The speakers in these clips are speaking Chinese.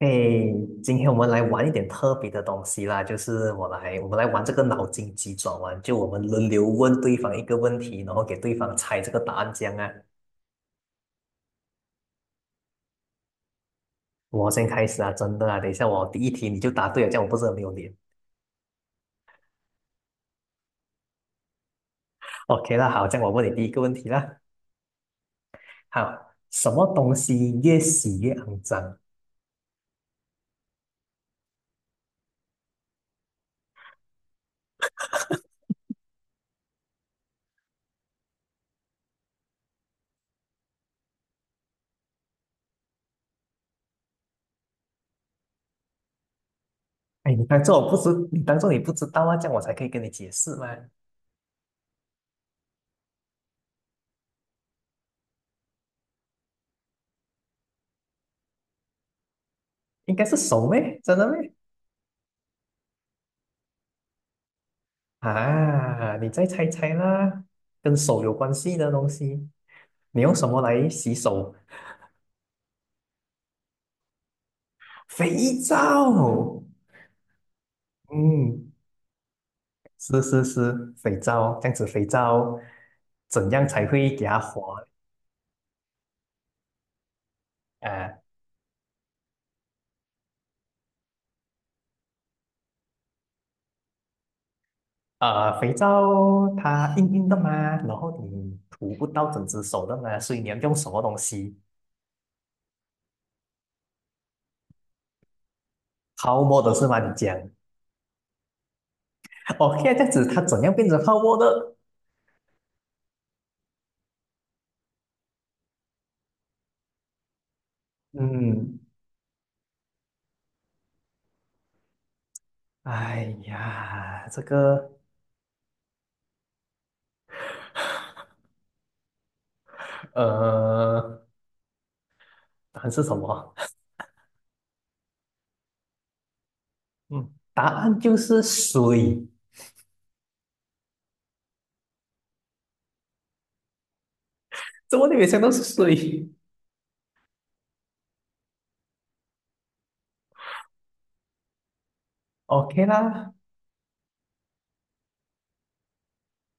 诶，今天我们来玩一点特别的东西啦，就是我们来玩这个脑筋急转弯，就我们轮流问对方一个问题，然后给对方猜这个答案，这样啊。我先开始啊，真的啊，等一下我第一题你就答对了，这样我不是很没有脸。OK 啦，好，这样我问你第一个问题啦。好，什么东西越洗越肮脏？哎，你当做你不知道啊，这样我才可以跟你解释嘛。应该是手咩？真的咩？啊，你再猜猜啦，跟手有关系的东西。你用什么来洗手？肥皂。嗯，是是是，肥皂，这样子肥皂怎样才会给它滑？呃肥皂它硬硬的嘛，然后你涂不到整只手的嘛，所以你要用什么东西？泡沫的是吗？你讲 ，OK,这样子它怎样变成泡沫的？嗯，哎呀，这个呃，答案是什么？嗯，答案就是水。怎么你没想到是水？OK 啦，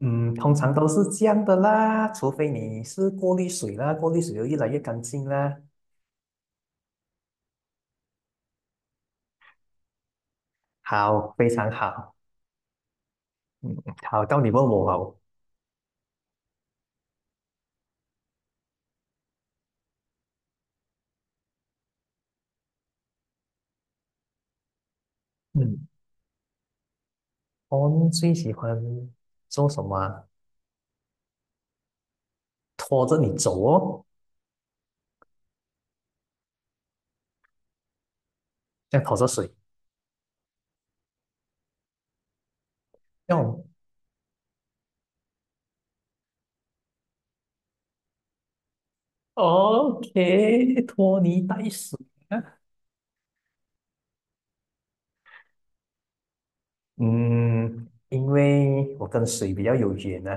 嗯，通常都是这样的啦，除非你是过滤水啦，过滤水就越来越干净啦。好，非常好，嗯，好，到你问我哦。嗯，我最喜欢做什么啊拖着你走哦，这样拖着水，这样 OK,拖泥带水啊。嗯，因为我跟水比较有缘呢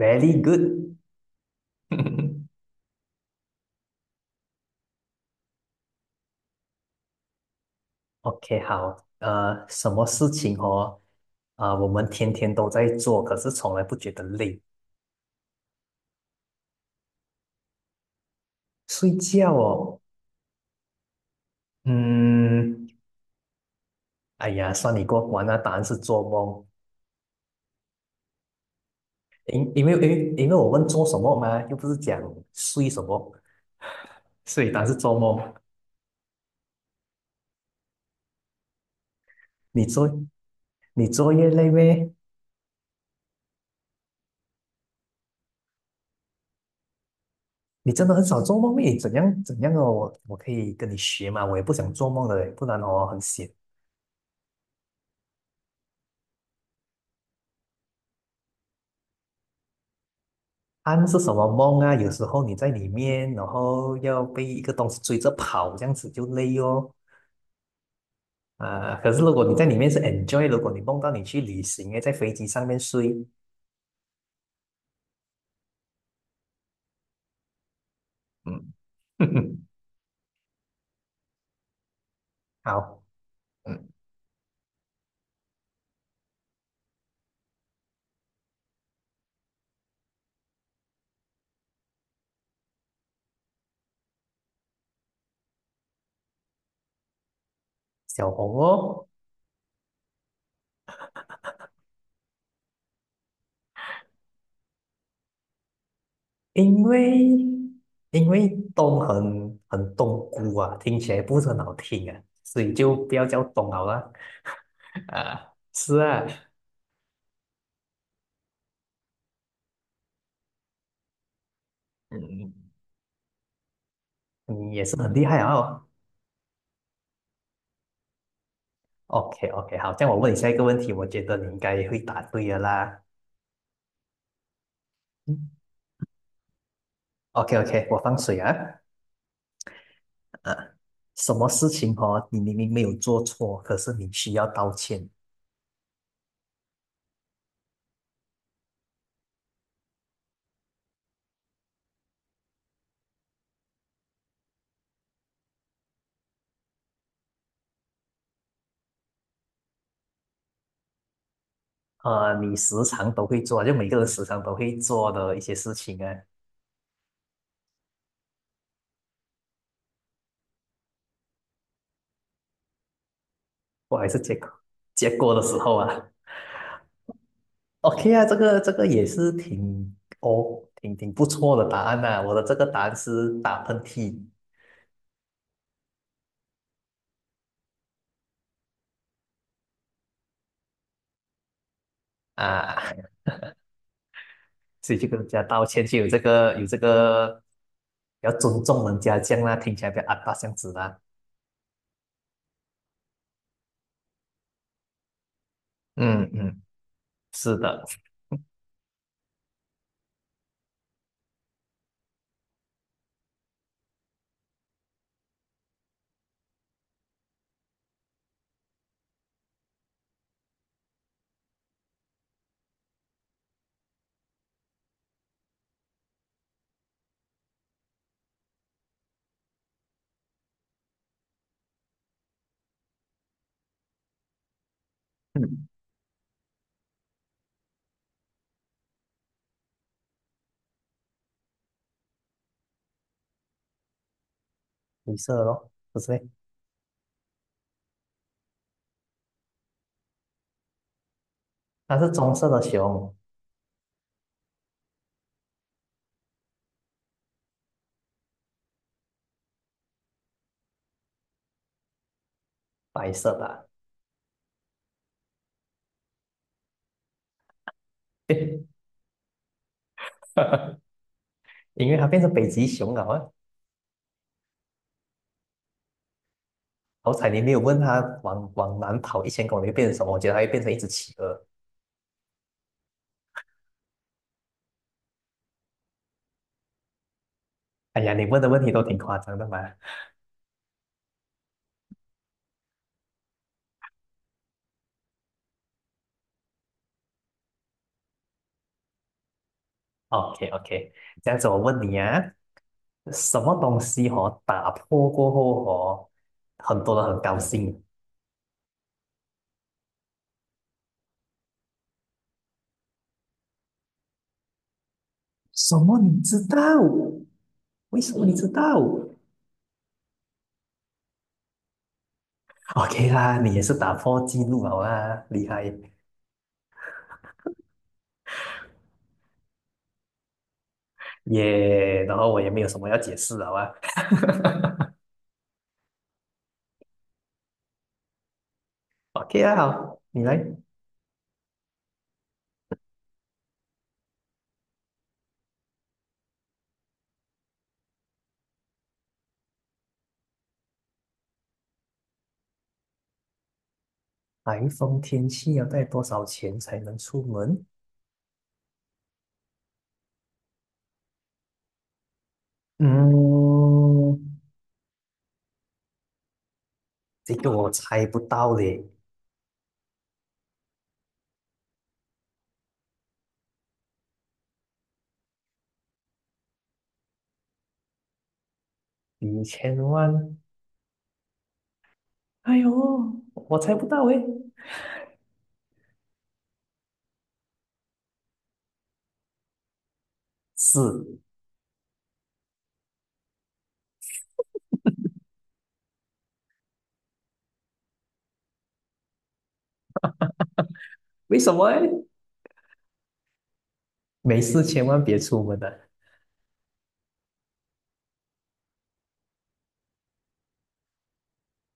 v e r y good。OK,好，什么事情哦？啊、我们天天都在做，可是从来不觉得累。睡觉哦，嗯，哎呀，算你过关了，答案是做梦。因为我问做什么嘛，又不是讲睡什么，睡以答案是做梦。你做你作业累呗？你真的很少做梦咩？怎样怎样哦？我可以跟你学嘛，我也不想做梦的，不然哦很闲。安是什么梦啊？有时候你在里面，然后要被一个东西追着跑，这样子就累哦。啊，可是如果你在里面是 enjoy,如果你梦到你去旅行，诶，在飞机上面睡，嗯，好，嗯小红哦，因为因为东很东姑啊，听起来不是很好听啊，所以就不要叫东好了。啊，是啊，嗯，嗯你也是很厉害啊哦。OK OK,好，这样我问你下一个问题，我觉得你应该会答对的啦。嗯，OK OK,我放水啊。啊，什么事情哦，你明明没有做错，可是你需要道歉？呃，你时常都会做，就每个人时常都会做的一些事情啊，我还是结果的时候啊。OK 啊，这个也是挺哦，挺不错的答案呐、我的这个答案是打喷嚏啊。所以就跟人家道歉，就有这个要尊重人家这样啦，听起来比较阿巴这样子啦。嗯嗯是的，嗯，灰色咯，不是咩它是棕色的熊，白色的啊 因为它变成北极熊了啊。好彩你没有问它往南跑1000公里会变成什么，我觉得它会变成一只企鹅。哎呀，你问的问题都挺夸张的嘛。OK OK,这样子我问你啊，什么东西哦打破过后哦，很多人很高兴，什么？你知道？为什么你知道？OK 啦，你也是打破记录好啊，厉害耶然后我也没有什么要解释好啊。OK 啊，好你来。台风天气要带多少钱才能出门？嗯，这个我猜不到嘞，1000万。哎呦，我猜不到诶。是，为什么诶？没事，千万别出门的。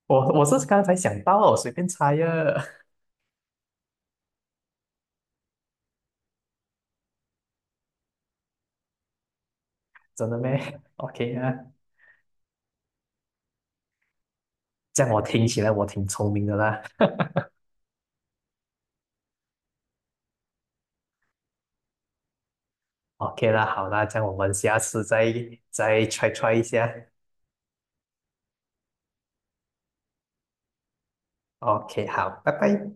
我我是刚才想到了，我随便猜呀。真的咩？OK 啊。这样我听起来我挺聪明的啦。OK 啦，好啦，这样我们下次再try try 一下。OK,好，拜拜。